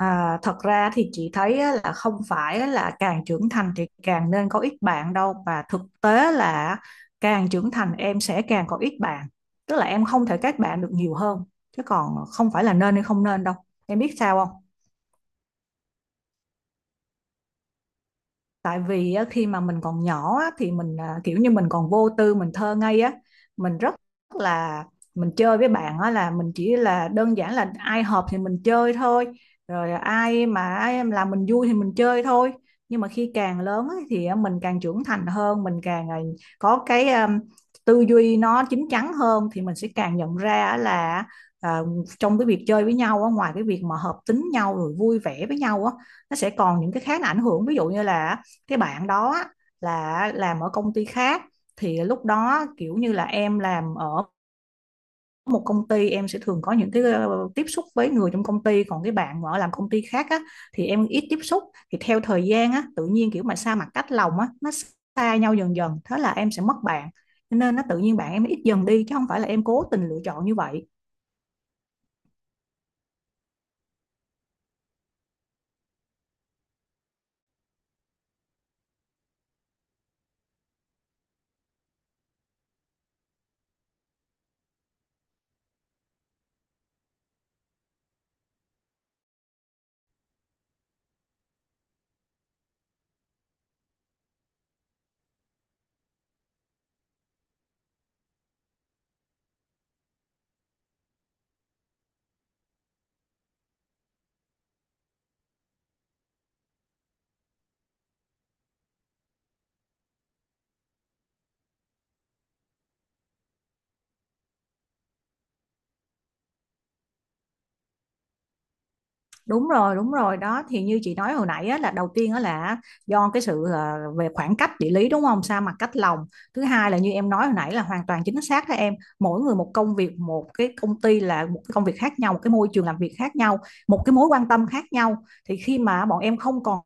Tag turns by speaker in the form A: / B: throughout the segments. A: À, thật ra thì chị thấy á, là không phải là càng trưởng thành thì càng nên có ít bạn đâu, và thực tế là càng trưởng thành em sẽ càng có ít bạn, tức là em không thể kết bạn được nhiều hơn, chứ còn không phải là nên hay không nên đâu. Em biết sao không? Tại vì á, khi mà mình còn nhỏ á, thì mình à, kiểu như mình còn vô tư, mình thơ ngây á, mình rất là mình chơi với bạn á là mình chỉ là đơn giản là ai hợp thì mình chơi thôi. Rồi ai em làm mình vui thì mình chơi thôi. Nhưng mà khi càng lớn á, thì á, mình càng trưởng thành hơn, mình càng có cái tư duy nó chín chắn hơn, thì mình sẽ càng nhận ra á là à, trong cái việc chơi với nhau á, ngoài cái việc mà hợp tính nhau rồi vui vẻ với nhau á, nó sẽ còn những cái khác là ảnh hưởng, ví dụ như là cái bạn đó là làm ở công ty khác, thì lúc đó kiểu như là em làm ở một công ty, em sẽ thường có những cái tiếp xúc với người trong công ty, còn cái bạn mà ở làm công ty khác á, thì em ít tiếp xúc. Thì theo thời gian á, tự nhiên kiểu mà xa mặt cách lòng á, nó xa nhau dần dần, thế là em sẽ mất bạn. Cho nên nó tự nhiên bạn em ít dần đi, chứ không phải là em cố tình lựa chọn như vậy. Đúng rồi đúng rồi đó, thì như chị nói hồi nãy á, là đầu tiên á, là do cái sự về khoảng cách địa lý, đúng không, sa mặt cách lòng. Thứ hai là như em nói hồi nãy là hoàn toàn chính xác đó em, mỗi người một công việc, một cái công ty là một cái công việc khác nhau, một cái môi trường làm việc khác nhau, một cái mối quan tâm khác nhau. Thì khi mà bọn em không còn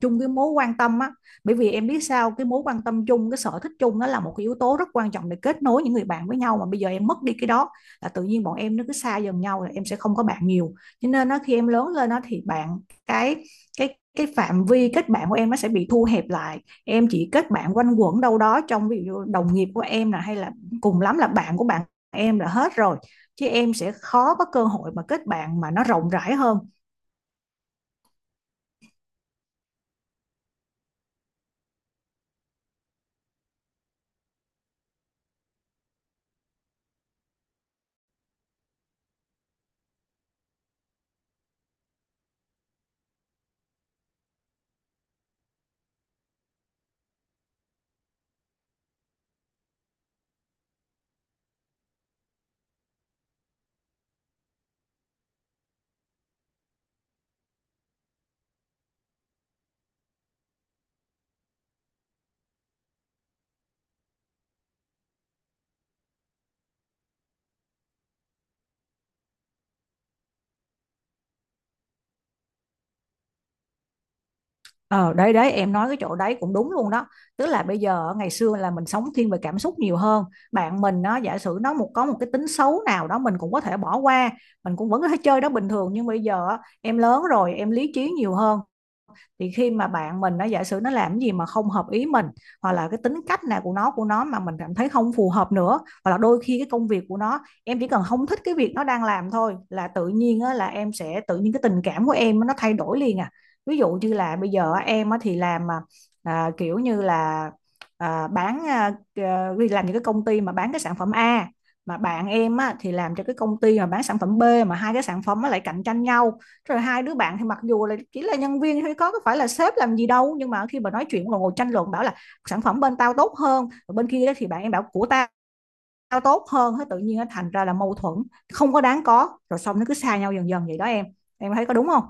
A: chung cái mối quan tâm á, bởi vì em biết sao, cái mối quan tâm chung, cái sở thích chung nó là một cái yếu tố rất quan trọng để kết nối những người bạn với nhau, mà bây giờ em mất đi cái đó, là tự nhiên bọn em nó cứ xa dần nhau, là em sẽ không có bạn nhiều. Cho nên nó khi em lớn lên nó thì bạn, cái cái phạm vi kết bạn của em nó sẽ bị thu hẹp lại. Em chỉ kết bạn quanh quẩn đâu đó trong ví dụ đồng nghiệp của em là, hay là cùng lắm là bạn của bạn em là hết rồi, chứ em sẽ khó có cơ hội mà kết bạn mà nó rộng rãi hơn. Ờ đấy đấy, em nói cái chỗ đấy cũng đúng luôn đó, tức là bây giờ ngày xưa là mình sống thiên về cảm xúc nhiều hơn, bạn mình nó giả sử nó một có một cái tính xấu nào đó mình cũng có thể bỏ qua, mình cũng vẫn có thể chơi đó bình thường. Nhưng bây giờ á, em lớn rồi em lý trí nhiều hơn, thì khi mà bạn mình nó giả sử nó làm gì mà không hợp ý mình, hoặc là cái tính cách nào của nó mà mình cảm thấy không phù hợp nữa, hoặc là đôi khi cái công việc của nó, em chỉ cần không thích cái việc nó đang làm thôi là tự nhiên á, là em sẽ tự nhiên cái tình cảm của em nó thay đổi liền à. Ví dụ như là bây giờ em á thì làm kiểu như là bán đi làm những cái công ty mà bán cái sản phẩm A, mà bạn em á, thì làm cho cái công ty mà bán sản phẩm B, mà hai cái sản phẩm nó lại cạnh tranh nhau. Rồi hai đứa bạn thì mặc dù là chỉ là nhân viên thôi, có phải là sếp làm gì đâu, nhưng mà khi mà nói chuyện ngồi ngồi tranh luận, bảo là sản phẩm bên tao tốt hơn, rồi bên kia thì bạn em bảo của tao, tao tốt hơn, thế tự nhiên nó thành ra là mâu thuẫn không có đáng có. Rồi xong nó cứ xa nhau dần dần vậy đó em. Em thấy có đúng không?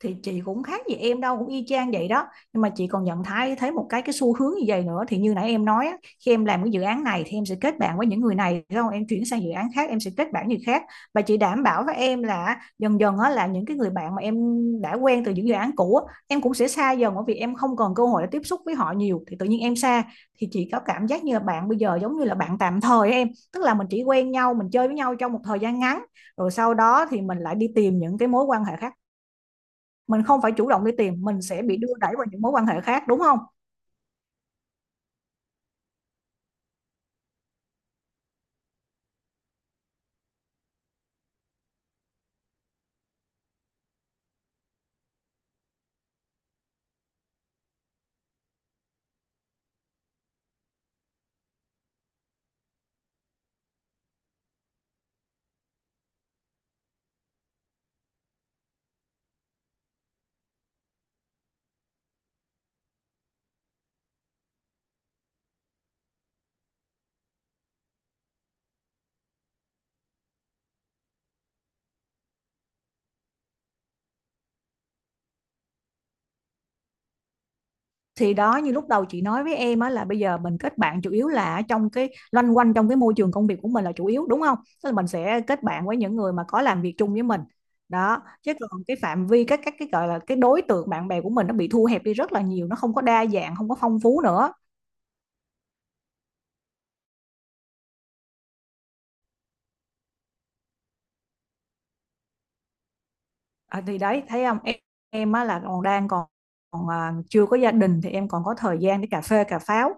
A: Thì chị cũng khác gì em đâu, cũng y chang vậy đó. Nhưng mà chị còn nhận thấy thấy một cái xu hướng như vậy nữa, thì như nãy em nói á, khi em làm cái dự án này thì em sẽ kết bạn với những người này, đúng không, em chuyển sang dự án khác em sẽ kết bạn người khác. Và chị đảm bảo với em là dần dần á, là những cái người bạn mà em đã quen từ những dự án cũ á, em cũng sẽ xa dần, bởi vì em không còn cơ hội để tiếp xúc với họ nhiều thì tự nhiên em xa. Thì chị có cảm giác như là bạn bây giờ giống như là bạn tạm thời em, tức là mình chỉ quen nhau mình chơi với nhau trong một thời gian ngắn, rồi sau đó thì mình lại đi tìm những cái mối quan hệ khác. Mình không phải chủ động đi tìm, mình sẽ bị đưa đẩy vào những mối quan hệ khác, đúng không? Thì đó như lúc đầu chị nói với em á, là bây giờ mình kết bạn chủ yếu là trong cái loanh quanh trong cái môi trường công việc của mình là chủ yếu, đúng không? Tức là mình sẽ kết bạn với những người mà có làm việc chung với mình đó, chứ còn cái phạm vi các cái gọi là cái đối tượng bạn bè của mình nó bị thu hẹp đi rất là nhiều, nó không có đa dạng không có phong phú nữa. À, thì đấy thấy không em, em á là còn chưa có gia đình thì em còn có thời gian để cà phê cà pháo.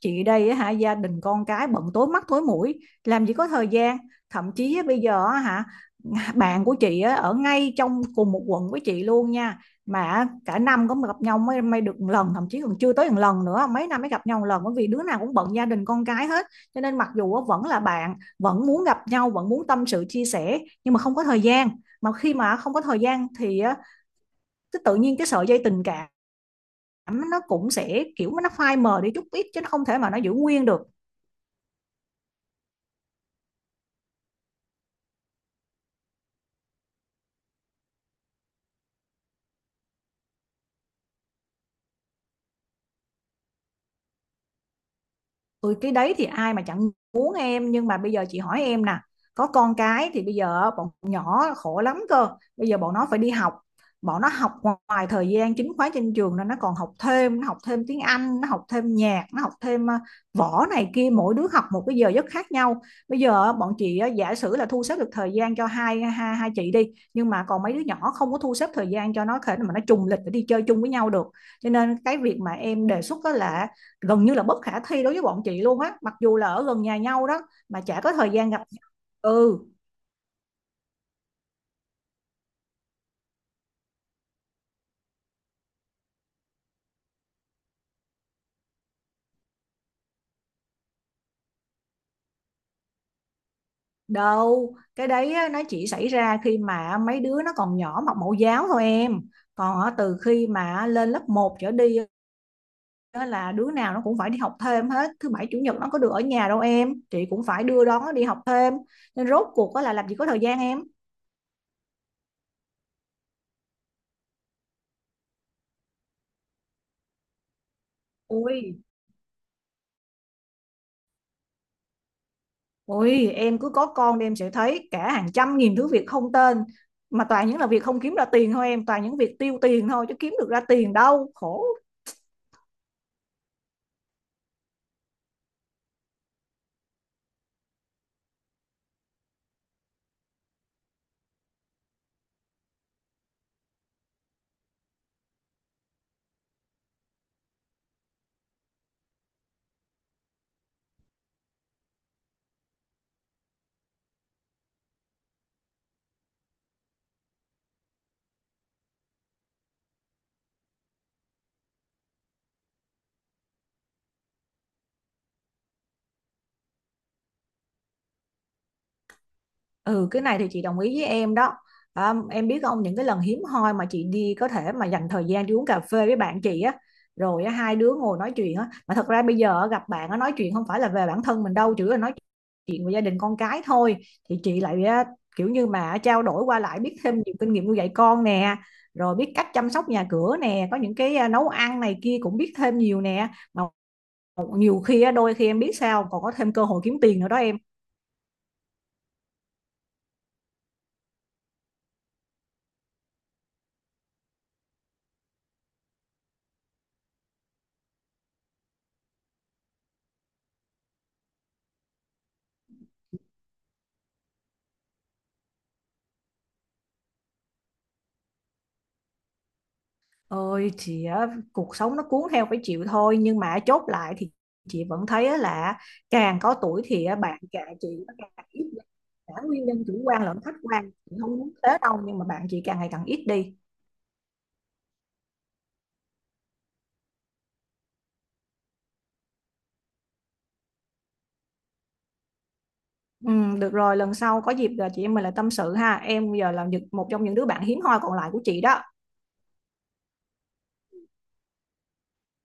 A: Chị đây á hả, gia đình con cái bận tối mắt tối mũi, làm gì có thời gian. Thậm chí á, bây giờ á hả, bạn của chị á, ở ngay trong cùng một quận với chị luôn nha, mà cả năm có mà gặp nhau mới mới được một lần, thậm chí còn chưa tới một lần nữa, mấy năm mới gặp nhau một lần, bởi vì đứa nào cũng bận gia đình con cái hết. Cho nên mặc dù á, vẫn là bạn, vẫn muốn gặp nhau, vẫn muốn tâm sự chia sẻ, nhưng mà không có thời gian. Mà khi mà không có thời gian thì cái tự nhiên cái sợi dây tình cảm nó cũng sẽ kiểu nó phai mờ đi chút ít, chứ nó không thể mà nó giữ nguyên được. Ôi cái đấy thì ai mà chẳng muốn em, nhưng mà bây giờ chị hỏi em nè, có con cái thì bây giờ bọn nhỏ khổ lắm cơ. Bây giờ bọn nó phải đi học, bọn nó học ngoài thời gian chính khóa trên trường nên nó còn học thêm, nó học thêm tiếng Anh, nó học thêm nhạc, nó học thêm võ này kia, mỗi đứa học một cái giờ giấc khác nhau. Bây giờ bọn chị giả sử là thu xếp được thời gian cho hai, hai hai chị đi, nhưng mà còn mấy đứa nhỏ không có thu xếp thời gian cho nó thể mà nó trùng lịch để đi chơi chung với nhau được. Cho nên cái việc mà em đề xuất đó là gần như là bất khả thi đối với bọn chị luôn á, mặc dù là ở gần nhà nhau đó mà chả có thời gian gặp nhau. Ừ. Đâu cái đấy á, nó chỉ xảy ra khi mà mấy đứa nó còn nhỏ học mẫu giáo thôi em. Còn á, từ khi mà lên lớp một trở đi á, là đứa nào nó cũng phải đi học thêm hết. Thứ bảy chủ nhật nó có được ở nhà đâu em, chị cũng phải đưa đón nó đi học thêm. Nên rốt cuộc á là làm gì có thời gian em. Ui. Ôi, em cứ có con đi em sẽ thấy cả hàng trăm nghìn thứ việc không tên, mà toàn những là việc không kiếm ra tiền thôi em, toàn những việc tiêu tiền thôi chứ kiếm được ra tiền đâu, khổ. Ừ cái này thì chị đồng ý với em đó. À, em biết không, những cái lần hiếm hoi mà chị đi có thể mà dành thời gian đi uống cà phê với bạn chị á, rồi á, hai đứa ngồi nói chuyện á, mà thật ra bây giờ á, gặp bạn á, nói chuyện không phải là về bản thân mình đâu, chỉ là nói chuyện về gia đình con cái thôi. Thì chị lại á, kiểu như mà trao đổi qua lại biết thêm nhiều kinh nghiệm nuôi dạy con nè, rồi biết cách chăm sóc nhà cửa nè, có những cái nấu ăn này kia cũng biết thêm nhiều nè. Mà nhiều khi á, đôi khi em biết sao, còn có thêm cơ hội kiếm tiền nữa đó em. Ôi chị á, cuộc sống nó cuốn theo phải chịu thôi, nhưng mà chốt lại thì chị vẫn thấy á là càng có tuổi thì á, bạn cả chị nó càng ít đi. Cả nguyên nhân chủ quan lẫn khách quan, chị không muốn thế đâu, nhưng mà bạn chị càng ngày càng ít đi. Ừ, được rồi, lần sau có dịp là chị em mình lại tâm sự ha em, giờ là một trong những đứa bạn hiếm hoi còn lại của chị đó.